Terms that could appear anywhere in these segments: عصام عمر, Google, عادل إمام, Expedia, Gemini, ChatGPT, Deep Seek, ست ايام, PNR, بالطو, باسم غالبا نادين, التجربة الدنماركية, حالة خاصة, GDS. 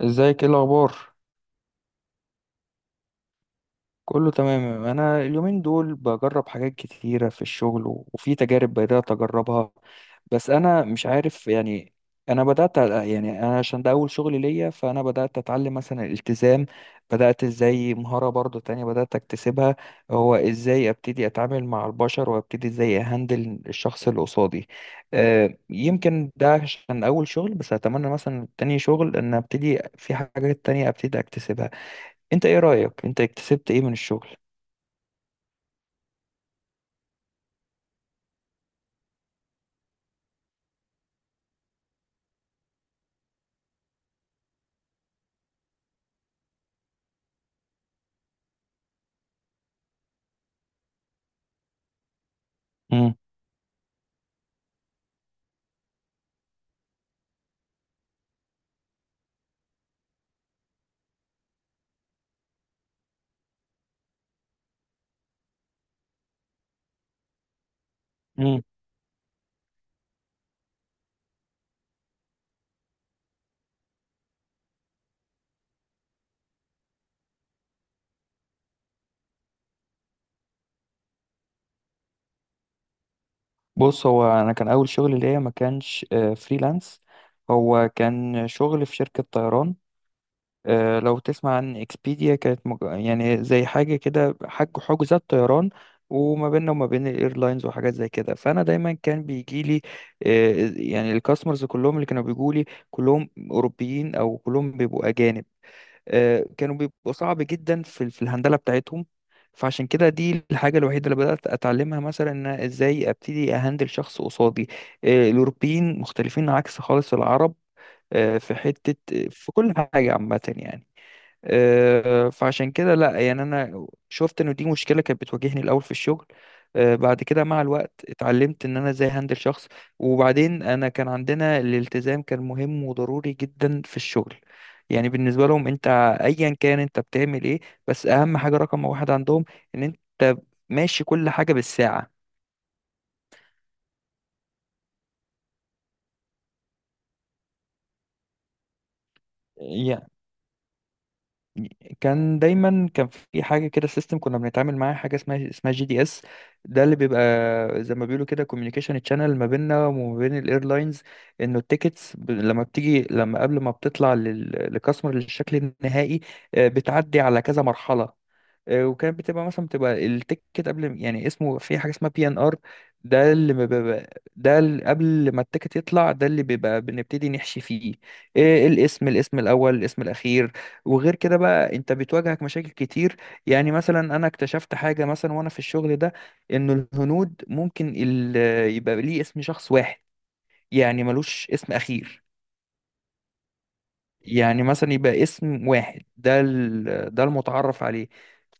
ازيك؟ ايه الاخبار؟ كله تمام. انا اليومين دول بجرب حاجات كتيره في الشغل، و- وفي تجارب بدات اجربها. بس انا مش عارف، يعني. انا بدات يعني انا، عشان ده اول شغل ليا، فانا بدات اتعلم مثلا الالتزام. بدات ازاي مهاره برضو تانية بدات اكتسبها؟ هو ازاي ابتدي اتعامل مع البشر، وابتدي ازاي اهندل الشخص اللي قصادي؟ أه، يمكن ده عشان اول شغل، بس اتمنى مثلا تاني شغل ان ابتدي في حاجات تانية ابتدي اكتسبها. انت ايه رأيك؟ انت اكتسبت ايه من الشغل؟ امم امم بص، هو انا كان اول شغل ليا ما كانش فريلانس. هو كان شغل في شركة طيران. لو تسمع عن اكسبيديا، كانت يعني زي حاجة كده، حجوزات طيران، وما بيننا وما بين الايرلاينز وحاجات زي كده. فانا دايما كان بيجي لي، يعني الكاستمرز كلهم اللي كانوا بيجوا لي كلهم اوروبيين، او كلهم بيبقوا اجانب. كانوا بيبقوا صعب جدا في الهندلة بتاعتهم. فعشان كده دي الحاجة الوحيدة اللي بدأت أتعلمها، مثلا، إن أنا إزاي أبتدي أهندل شخص قصادي. الأوروبيين مختلفين عكس خالص العرب. في حتة، في كل حاجة عامة، يعني. فعشان كده، لا يعني، انا شفت انه دي مشكله كانت بتواجهني الاول في الشغل. بعد كده مع الوقت اتعلمت ان انا ازاي هندل شخص. وبعدين انا كان عندنا الالتزام كان مهم وضروري جدا في الشغل. يعني بالنسبه لهم، انت ايا كان انت بتعمل ايه، بس اهم حاجه رقم واحد عندهم ان انت ماشي كل حاجه بالساعه. كان دايما كان في حاجه كده، سيستم كنا بنتعامل معاه، حاجه اسمها جي دي اس. ده اللي بيبقى زي ما بيقولوا كده كوميونيكيشن تشانل ما بيننا وما بين الايرلاينز. انه التيكتس، لما بتيجي، لما قبل ما بتطلع للكاستمر للشكل النهائي، بتعدي على كذا مرحله. وكانت بتبقى مثلا، بتبقى التيكت قبل يعني اسمه، في حاجه اسمها بي ان ار. ده اللي قبل ما التيكت يطلع، ده اللي بيبقى بنبتدي نحشي فيه. إيه، الاسم، الاسم الاول، الاسم الاخير. وغير كده بقى، انت بتواجهك مشاكل كتير. يعني مثلا انا اكتشفت حاجه، مثلا وانا في الشغل ده، انه الهنود ممكن يبقى ليه اسم شخص واحد، يعني ملوش اسم اخير. يعني مثلا يبقى اسم واحد، ده المتعرف عليه.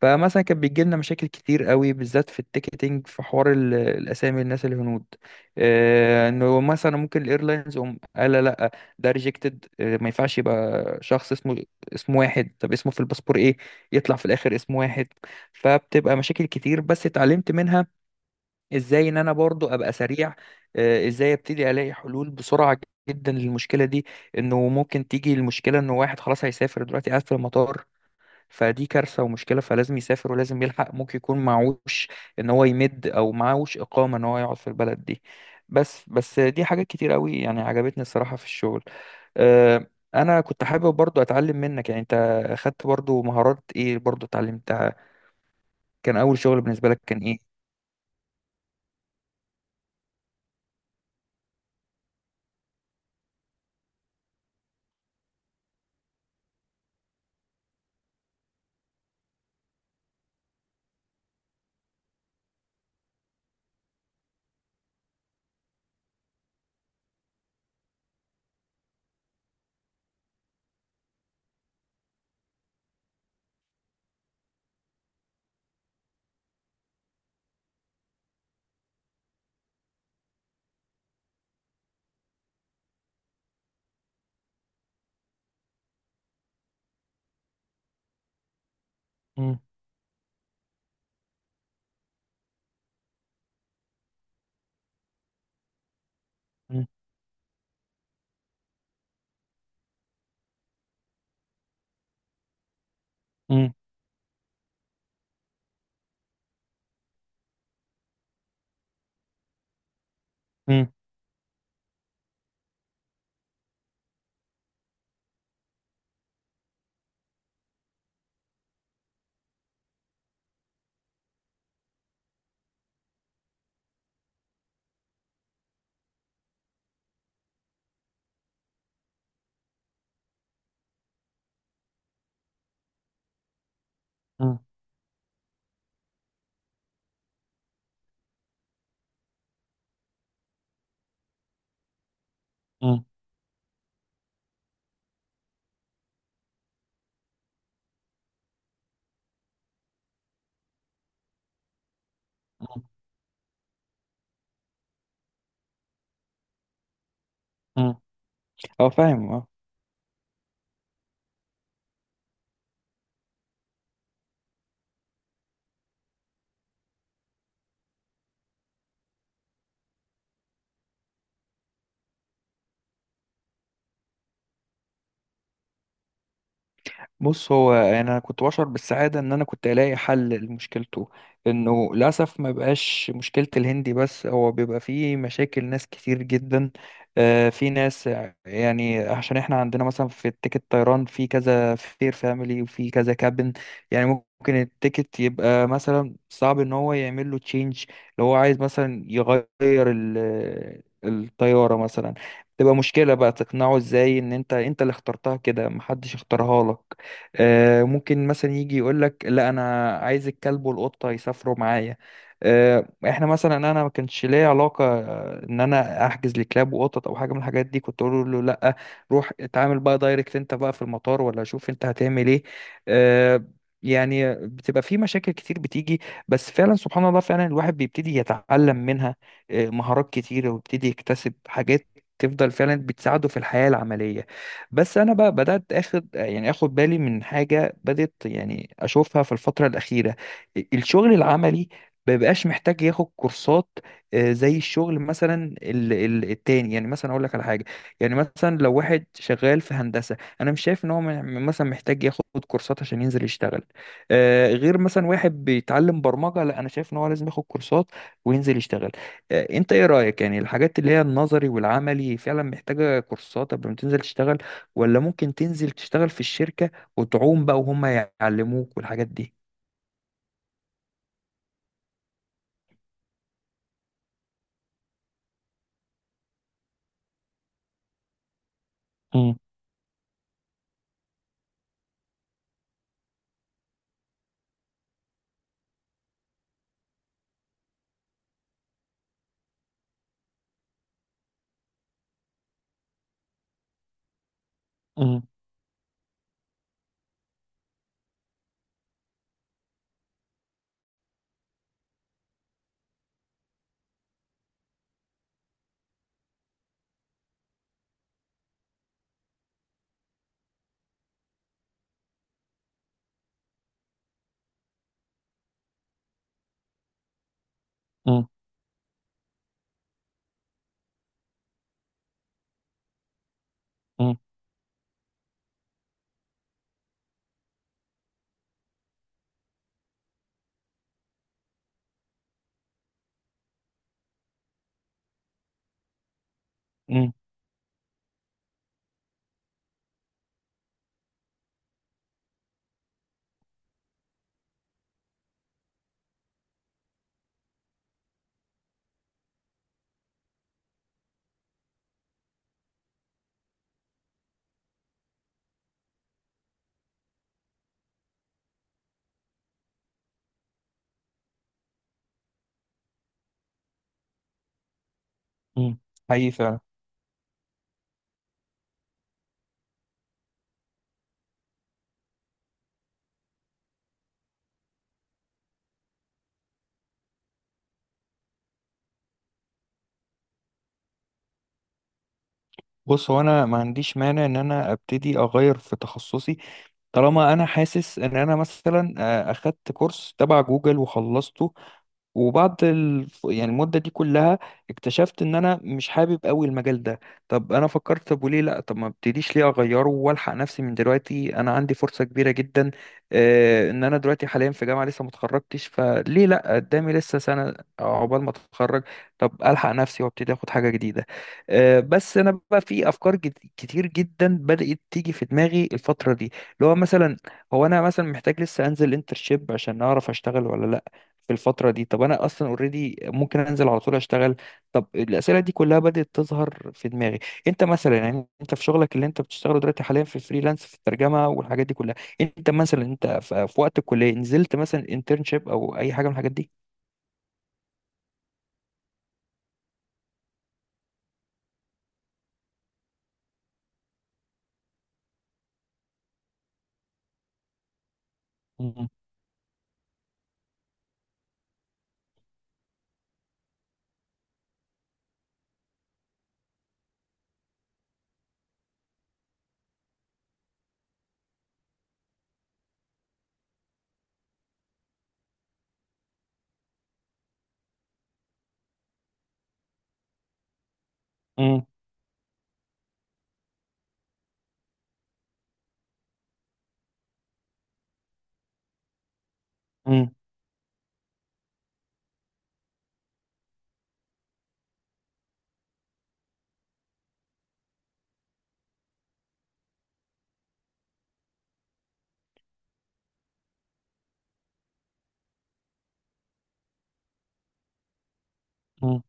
فمثلا كان بيجي لنا مشاكل كتير قوي، بالذات في التيكتنج، في حوار الاسامي، الناس الهنود. انه مثلا ممكن الايرلاينز هم قال لا، لا، ده ريجكتد، ما ينفعش يبقى شخص اسمه اسم واحد. طب اسمه في الباسبور ايه؟ يطلع في الاخر اسم واحد. فبتبقى مشاكل كتير، بس اتعلمت منها ازاي ان انا برضو ابقى سريع. ازاي ابتدي الاقي حلول بسرعه جدا للمشكله دي. انه ممكن تيجي المشكله، انه واحد خلاص هيسافر دلوقتي قاعد في المطار، فدي كارثه ومشكله، فلازم يسافر ولازم يلحق، ممكن يكون معوش ان هو يمد، او معوش اقامه ان هو يقعد في البلد دي. بس بس دي حاجات كتير قوي، يعني عجبتني الصراحه في الشغل. آه، انا كنت حابب برضو اتعلم منك. يعني انت اخدت برضو مهارات ايه، برضو اتعلمتها؟ كان اول شغل بالنسبه لك كان ايه؟ مم. مم. مم. مم. مم. مم. مم. مم. هو فاهم، اه. بص، هو انا كنت بشعر بالسعاده ان انا كنت الاقي حل لمشكلته. انه للاسف ما بقاش مشكله الهندي بس، هو بيبقى فيه مشاكل ناس كتير جدا. في ناس، يعني عشان احنا عندنا مثلا، في التيكت طيران في كذا فير فاميلي وفي كذا كابن. يعني ممكن التيكت يبقى مثلا صعب ان هو يعمل له تشينج، لو هو عايز مثلا يغير الطياره مثلا. تبقى مشكلة بقى تقنعه ازاي ان انت، انت اللي اخترتها كده، محدش اختارها لك. ممكن مثلا يجي يقول لك لا انا عايز الكلب والقطه يسافروا معايا. احنا مثلا، انا ما كانش ليا علاقه ان انا احجز لكلاب وقطط او حاجه من الحاجات دي. كنت اقول له لا، روح اتعامل بقى دايركت انت بقى في المطار، ولا شوف انت هتعمل ايه. آه، يعني بتبقى في مشاكل كتير بتيجي، بس فعلا سبحان الله، فعلا الواحد بيبتدي يتعلم منها مهارات كتير، ويبتدي يكتسب حاجات تفضل فعلا بتساعده في الحياة العملية. بس انا بقى بدات اخد، يعني اخد بالي من حاجه بدات يعني اشوفها في الفتره الاخيره. الشغل العملي ما بقاش محتاج ياخد كورسات، زي الشغل مثلا التاني. يعني مثلا اقول لك على حاجه، يعني مثلا لو واحد شغال في هندسه، انا مش شايف ان هو مثلا محتاج ياخد كورسات عشان ينزل يشتغل. غير مثلا واحد بيتعلم برمجه، لا انا شايف ان هو لازم ياخد كورسات وينزل يشتغل. انت ايه رايك؟ يعني الحاجات اللي هي النظري والعملي، فعلا محتاجه كورسات قبل ما تنزل تشتغل؟ ولا ممكن تنزل تشتغل في الشركة وتعوم بقى، وهم يعلموك والحاجات دي؟ مم. مم. مم. مم. مم. مم. حقيقي فعلا. بص، هو انا ما عنديش مانع ان انا ابتدي اغير في تخصصي. طالما انا حاسس ان انا مثلا اخدت كورس تبع جوجل وخلصته، وبعد يعني المدة دي كلها اكتشفت ان انا مش حابب قوي المجال ده. طب انا فكرت، طب وليه لا؟ طب ما ابتديش ليه اغيره والحق نفسي من دلوقتي؟ انا عندي فرصة كبيرة جدا، آه، ان انا دلوقتي حاليا في جامعة لسه ما اتخرجتش، فليه لا؟ قدامي لسه سنة عقبال ما اتخرج. طب الحق نفسي وابتدي اخد حاجة جديدة. بس انا بقى في افكار كتير جدا بدأت تيجي في دماغي الفترة دي، اللي هو مثلا، هو انا مثلا محتاج لسه انزل انترشيب عشان اعرف اشتغل ولا لا في الفترة دي؟ طب أنا أصلا أوريدي ممكن أنزل على طول أشتغل. طب الأسئلة دي كلها بدأت تظهر في دماغي. أنت مثلا، يعني أنت في شغلك اللي أنت بتشتغله دلوقتي حاليا في فريلانس في الترجمة والحاجات دي كلها، أنت مثلا أنت في في وقت الكلية نزلت مثلا انترنشيب أو أي حاجة من الحاجات دي؟ مم. مم. مم.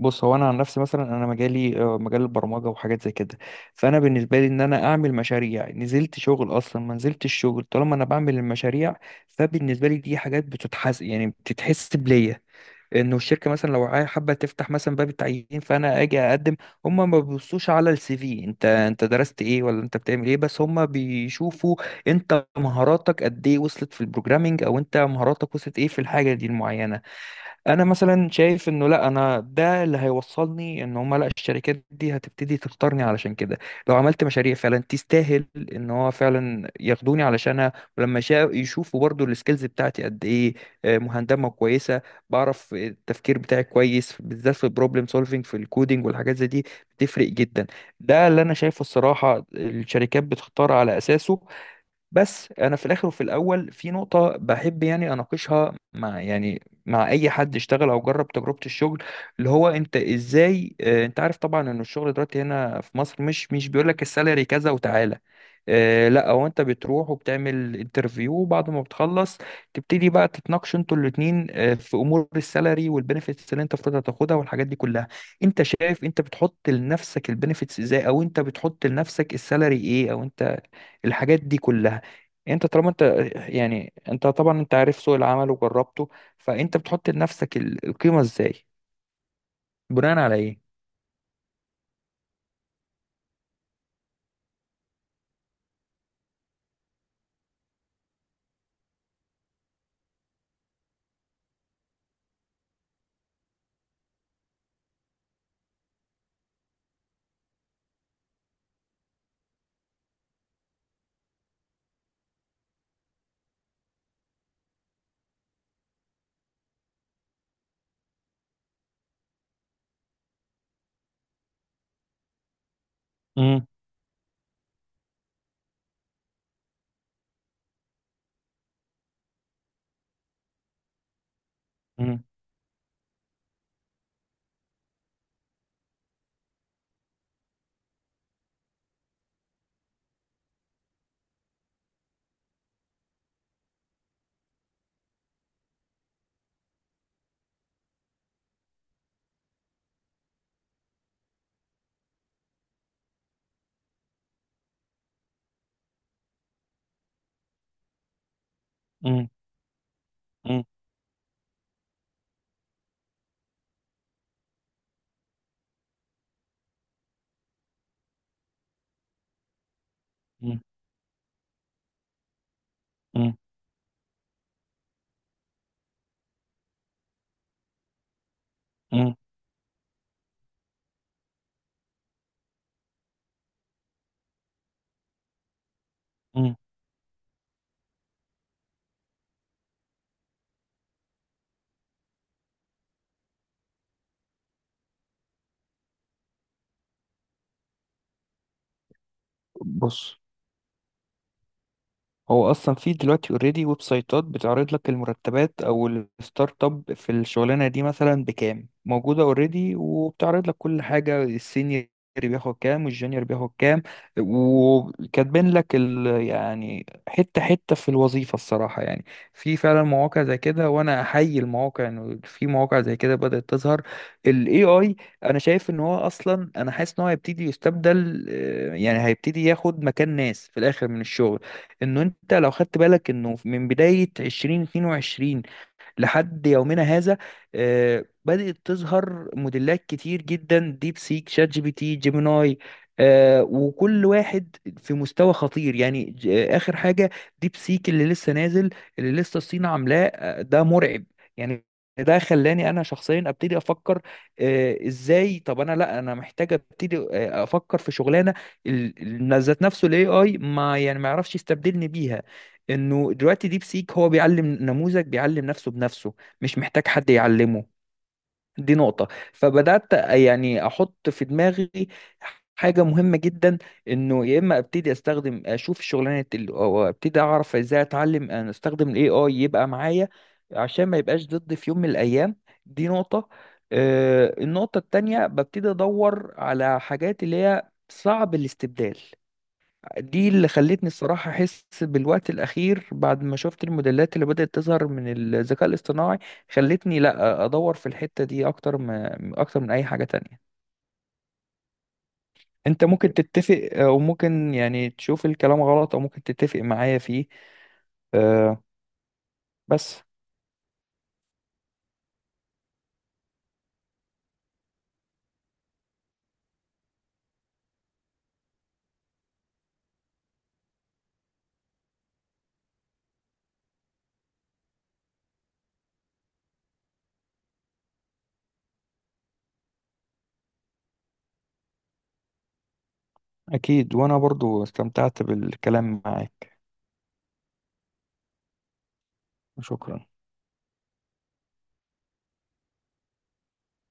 بص، هو انا عن نفسي مثلا، انا مجالي مجال البرمجه وحاجات زي كده. فانا بالنسبه لي ان انا اعمل مشاريع نزلت شغل اصلا، ما نزلت الشغل. طالما انا بعمل المشاريع، فبالنسبه لي دي حاجات بتتحس، يعني بتتحس بليا. انه الشركه مثلا لو حابه تفتح مثلا باب التعيين، فانا اجي اقدم. هم ما بيبصوش على السي في، انت درست ايه، ولا انت بتعمل ايه، بس هم بيشوفوا انت مهاراتك قد ايه وصلت في البروجرامينج، او انت مهاراتك وصلت ايه في الحاجه دي المعينه. انا مثلا شايف انه لا، انا ده اللي هيوصلني ان هم، لا الشركات دي هتبتدي تختارني علشان كده. لو عملت مشاريع فعلا تستاهل ان هو فعلا ياخدوني علشانها، ولما يشوفوا برضو السكيلز بتاعتي قد ايه، مهندمه كويسه، بعرف التفكير بتاعي كويس بالذات في البروبلم سولفينج في الكودينج والحاجات زي دي، بتفرق جدا. ده اللي انا شايفه الصراحه، الشركات بتختار على اساسه. بس انا في الاخر وفي الاول في نقطه بحب، يعني اناقشها مع، يعني مع اي حد اشتغل او جرب تجربه الشغل، اللي هو انت ازاي، انت عارف طبعا ان الشغل دلوقتي هنا في مصر مش بيقول لك السالري كذا وتعالى. لا هو انت بتروح وبتعمل انترفيو، وبعد ما بتخلص تبتدي بقى تتناقشوا انتوا الاتنين، في امور السالري والبنفيتس اللي انت المفروض هتاخدها والحاجات دي كلها. انت شايف انت بتحط لنفسك البنفيتس ازاي؟ او انت بتحط لنفسك السالري ايه؟ او انت الحاجات دي كلها، يعني انت طالما انت، يعني انت طبعا انت عارف سوق العمل وجربته، فانت بتحط لنفسك القيمة ازاي، بناء على ايه؟ مم. مم. مم. مم. مم. مم. مم. مم. بص، هو اصلا في دلوقتي اوريدي ويب سايتات بتعرض لك المرتبات، او الستارت اب في الشغلانه دي مثلا بكام، موجوده اوريدي، وبتعرض لك كل حاجه. السينيور بياخد كام والجونيور بياخد كام، وكاتبين لك ال، يعني حته حته في الوظيفه الصراحه يعني. في فعلا مواقع زي كده، وانا احيي المواقع انه في مواقع زي كده بدات تظهر. الاي اي، انا شايف ان هو اصلا، انا حاسس ان هو هيبتدي يستبدل، يعني هيبتدي ياخد مكان ناس في الاخر من الشغل. انه انت لو خدت بالك، انه من بداية 2022 لحد يومنا هذا، بدأت تظهر موديلات كتير جدا، ديب سيك، شات جي بي تي، جيميناي، وكل واحد في مستوى خطير، يعني آخر حاجة ديب سيك اللي لسه نازل، اللي لسه الصين عاملاه، ده مرعب يعني. ده خلاني انا شخصيا ابتدي افكر، ازاي، طب انا لا، انا محتاج ابتدي افكر في شغلانه ذات نفسه الاي اي ما يعني ما يعرفش يستبدلني بيها. انه دلوقتي ديب سيك هو بيعلم نموذج بيعلم نفسه بنفسه، مش محتاج حد يعلمه. دي نقطة. فبدأت يعني احط في دماغي حاجة مهمة جدا، انه يا اما ابتدي استخدم اشوف الشغلانة ال، او ابتدي اعرف ازاي اتعلم ان استخدم الاي اي يبقى معايا عشان ما يبقاش ضدي في يوم من الايام. دي نقطة. النقطة التانية، ببتدي ادور على حاجات اللي هي صعب الاستبدال. دي اللي خلتني الصراحة أحس بالوقت الأخير، بعد ما شفت الموديلات اللي بدأت تظهر من الذكاء الاصطناعي، خلتني لأ أدور في الحتة دي أكتر، ما أكتر من أي حاجة تانية. أنت ممكن تتفق، وممكن يعني تشوف الكلام غلط، أو ممكن تتفق معايا فيه، آه، بس أكيد. وأنا برضو استمتعت بالكلام معاك. شكرا.